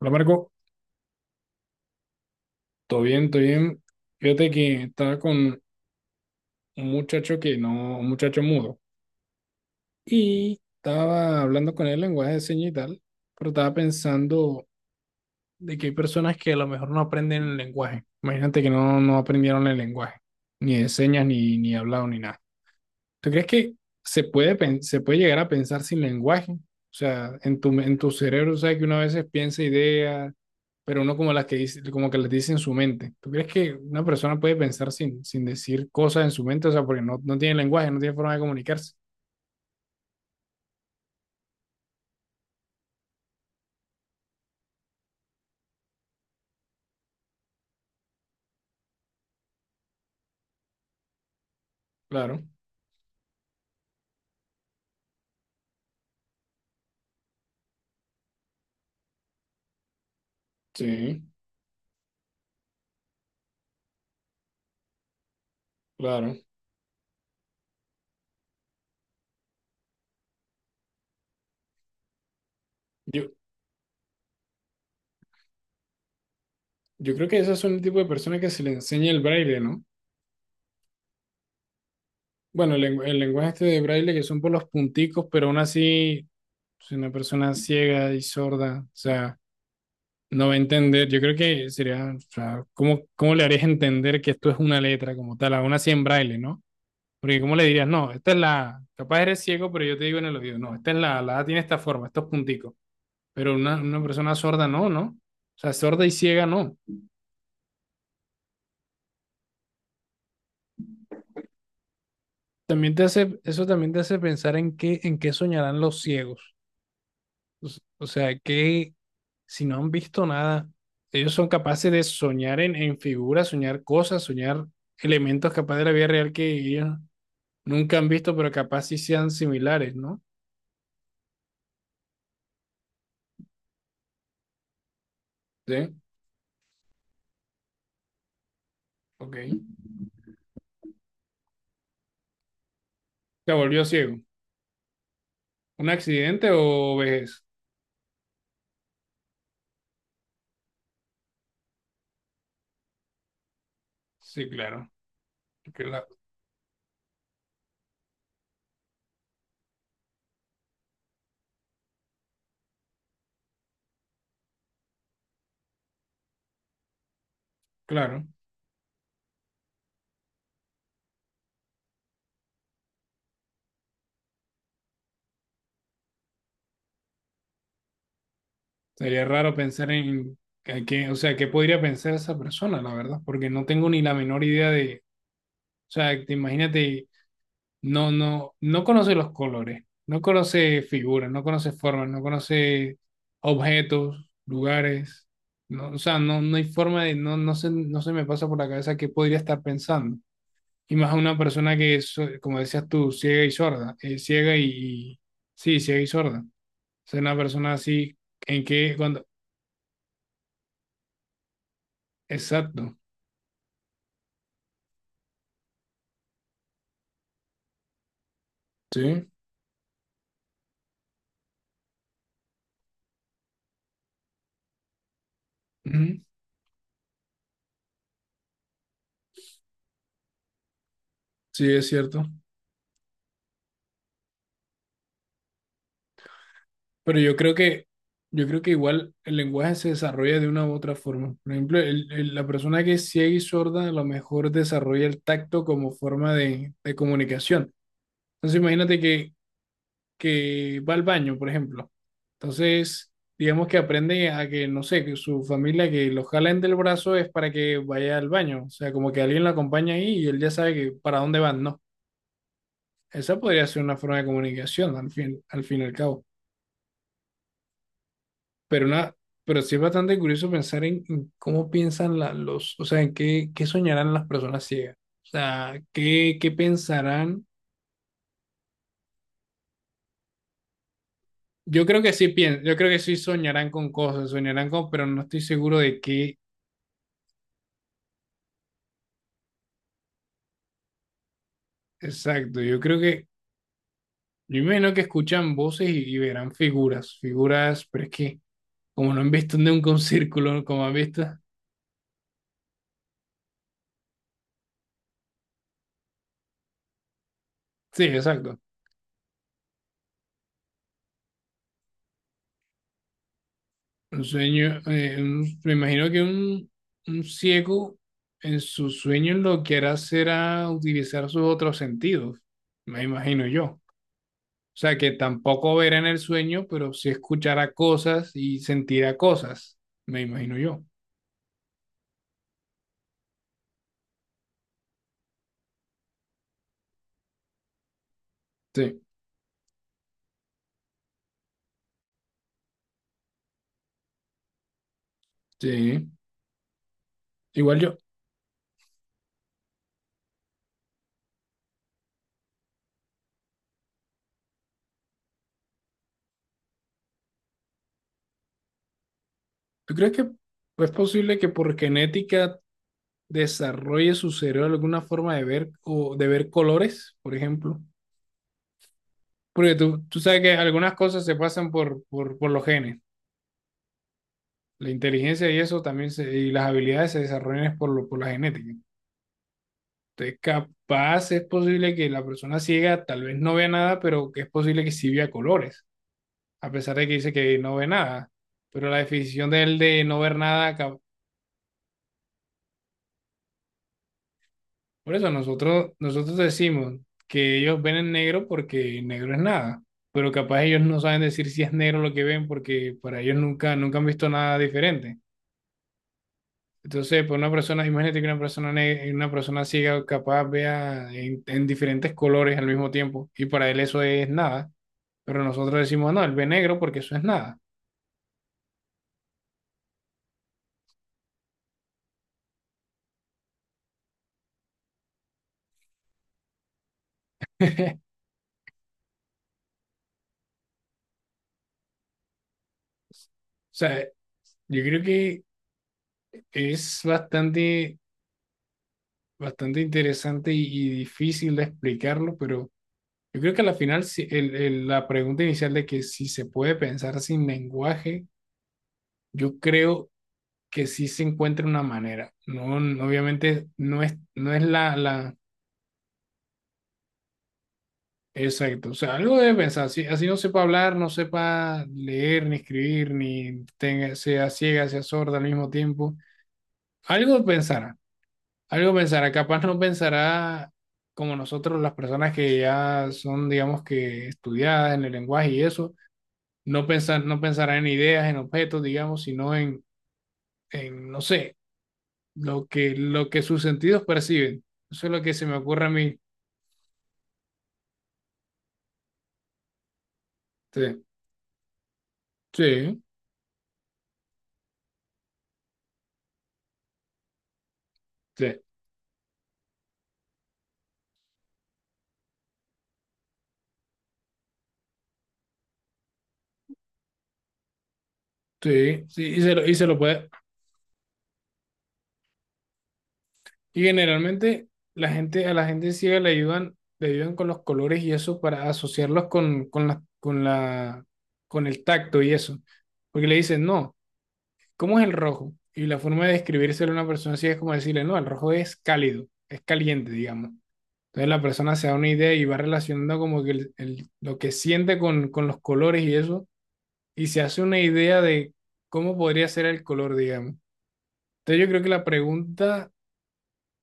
Hola Marco, todo bien, todo bien. Fíjate que estaba con un muchacho que no, un muchacho mudo, y estaba hablando con él en lenguaje de señas y tal, pero estaba pensando de que hay personas que a lo mejor no aprenden el lenguaje. Imagínate que no aprendieron el lenguaje, ni de señas, ni hablado, ni nada. ¿Tú crees que se puede llegar a pensar sin lenguaje? O sea, en tu cerebro, sabes que uno a veces piensa ideas, pero uno como las que dice, como que las dice en su mente. ¿Tú crees que una persona puede pensar sin decir cosas en su mente? O sea, porque no tiene lenguaje, no tiene forma de comunicarse. Claro, sí, claro. Yo, yo creo que esas son el tipo de personas que se le enseña el braille, ¿no? Bueno, el lenguaje este de braille que son por los punticos, pero aún así, es una persona ciega y sorda, o sea no va a entender. Yo creo que sería, o sea, ¿cómo le harías entender que esto es una letra como tal, aún así en braille? ¿No? Porque ¿cómo le dirías: "No, esta es la A"? Capaz eres ciego, pero yo te digo en el oído: "No, esta es la A tiene esta forma, estos punticos." Pero una persona sorda no, ¿no? O sea, sorda y ciega no. También te hace, eso también te hace pensar en qué, soñarán los ciegos. O sea, que si no han visto nada, ellos son capaces de soñar en figuras, soñar cosas, soñar elementos capaz de la vida real que ellos nunca han visto, pero capaz sí sean similares, ¿no? Sí, ok. Se volvió ciego. ¿Un accidente o vejez? Sí, claro. Cla- claro. Sería raro pensar en que, o sea, qué podría pensar esa persona, la verdad, porque no tengo ni la menor idea de, o sea, te imagínate, no, no conoce los colores, no conoce figuras, no conoce formas, no conoce objetos, lugares. No, o sea, no, no hay forma de, no, no se me pasa por la cabeza qué podría estar pensando. Y más a una persona que es, como decías tú, ciega y sorda, ciega y, sí, ciega y sorda. O sea, una persona así, ¿en qué? Cuando, exacto, sí, ujú, sí, es cierto. Pero yo creo que, igual el lenguaje se desarrolla de una u otra forma. Por ejemplo, la persona que es ciega y sorda a lo mejor desarrolla el tacto como forma de comunicación. Entonces imagínate que va al baño, por ejemplo. Entonces, digamos que aprende a que, no sé, que su familia que lo jalen del brazo es para que vaya al baño. O sea, como que alguien lo acompaña ahí y él ya sabe que para dónde van, ¿no? Esa podría ser una forma de comunicación al fin y al cabo. Pero, una, pero sí es bastante curioso pensar en, cómo piensan o sea, en qué, soñarán las personas ciegas. O sea, qué pensarán. Yo creo que sí piensan, yo creo que sí soñarán con cosas, soñarán con, pero no estoy seguro de qué. Exacto, yo imagino que escuchan voces y verán figuras, pero es que como no han visto nunca un círculo, como han visto, sí, exacto. Un sueño, me imagino que un ciego en sus sueños lo que hará será utilizar sus otros sentidos, me imagino yo. O sea, que tampoco verá en el sueño, pero sí escuchará cosas y sentirá cosas, me imagino yo. Sí, sí. Igual yo. ¿Tú crees que es posible que por genética desarrolle su cerebro alguna forma de ver o de ver colores, por ejemplo? Porque tú sabes que algunas cosas se pasan por los genes. La inteligencia y eso también y las habilidades se desarrollan es por la genética. Entonces, capaz es posible que la persona ciega tal vez no vea nada, pero que es posible que sí vea colores, a pesar de que dice que no ve nada. Pero la definición de él de no ver nada. Por eso nosotros, decimos que ellos ven en negro porque negro es nada, pero capaz ellos no saben decir si es negro lo que ven porque para ellos nunca, han visto nada diferente. Entonces, pues una persona, imagínate que una persona, una persona ciega capaz vea en diferentes colores al mismo tiempo y para él eso es nada, pero nosotros decimos: "No, él ve negro porque eso es nada." O sea, yo creo que es bastante, bastante interesante y difícil de explicarlo, pero... Yo creo que a la final la pregunta inicial de que si se puede pensar sin lenguaje, yo creo que sí se encuentra una manera. No, obviamente no es la... Exacto, o sea, algo debe pensar. Si así no sepa hablar, no sepa leer, ni escribir, ni tenga, sea ciega, sea sorda al mismo tiempo, algo pensará, algo pensará. Capaz no pensará como nosotros, las personas que ya son, digamos que, estudiadas en el lenguaje y eso. No pensará en ideas, en objetos, digamos, sino en, no sé, lo que sus sentidos perciben. Eso es lo que se me ocurre a mí. Sí, sí, sí, sí, sí, y se lo, puede. Y generalmente a la gente ciega le ayudan con los colores y eso para asociarlos con el tacto y eso. Porque le dicen: "No, ¿cómo es el rojo?" Y la forma de describírselo a una persona ciega es como decirle: "No, el rojo es cálido, es caliente", digamos. Entonces la persona se da una idea y va relacionando como que lo que siente con los colores y eso, y se hace una idea de cómo podría ser el color, digamos. Entonces yo creo que la pregunta,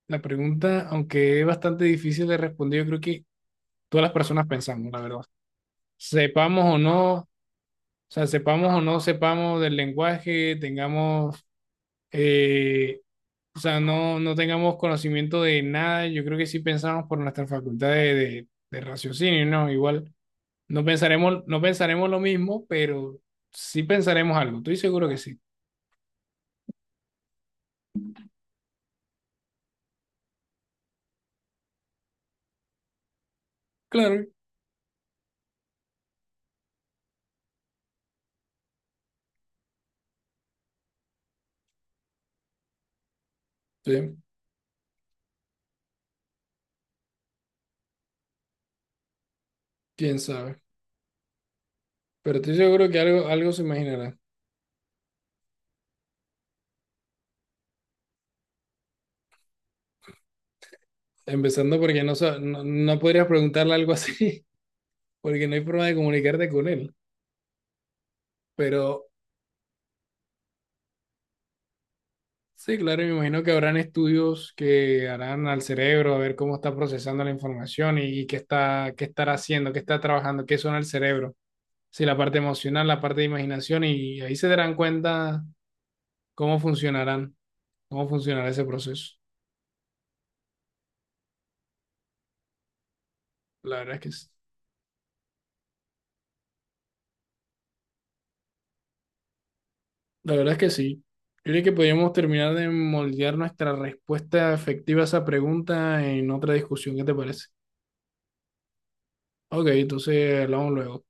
la pregunta, aunque es bastante difícil de responder, yo creo que todas las personas pensamos, la verdad. Sepamos o no, o sea, sepamos o no sepamos del lenguaje, tengamos, eh, o sea, no tengamos conocimiento de nada, yo creo que sí pensamos por nuestra facultad de raciocinio, ¿no? Igual. No pensaremos lo mismo, pero sí pensaremos algo. Estoy seguro que sí. Claro, sí, quién sabe. Pero estoy seguro que algo se imaginará. Empezando porque no, no podrías preguntarle algo así, porque no hay forma de comunicarte con él. Pero sí, claro, me imagino que habrán estudios que harán al cerebro, a ver cómo está procesando la información y qué está, qué estará haciendo, qué está trabajando, qué suena el cerebro. Sí, la parte emocional, la parte de imaginación, y ahí se darán cuenta cómo funcionarán, cómo funcionará ese proceso. La verdad es que, s- la verdad es que sí. Yo creo que podríamos terminar de moldear nuestra respuesta efectiva a esa pregunta en otra discusión. ¿Qué te parece? Ok, entonces hablamos luego.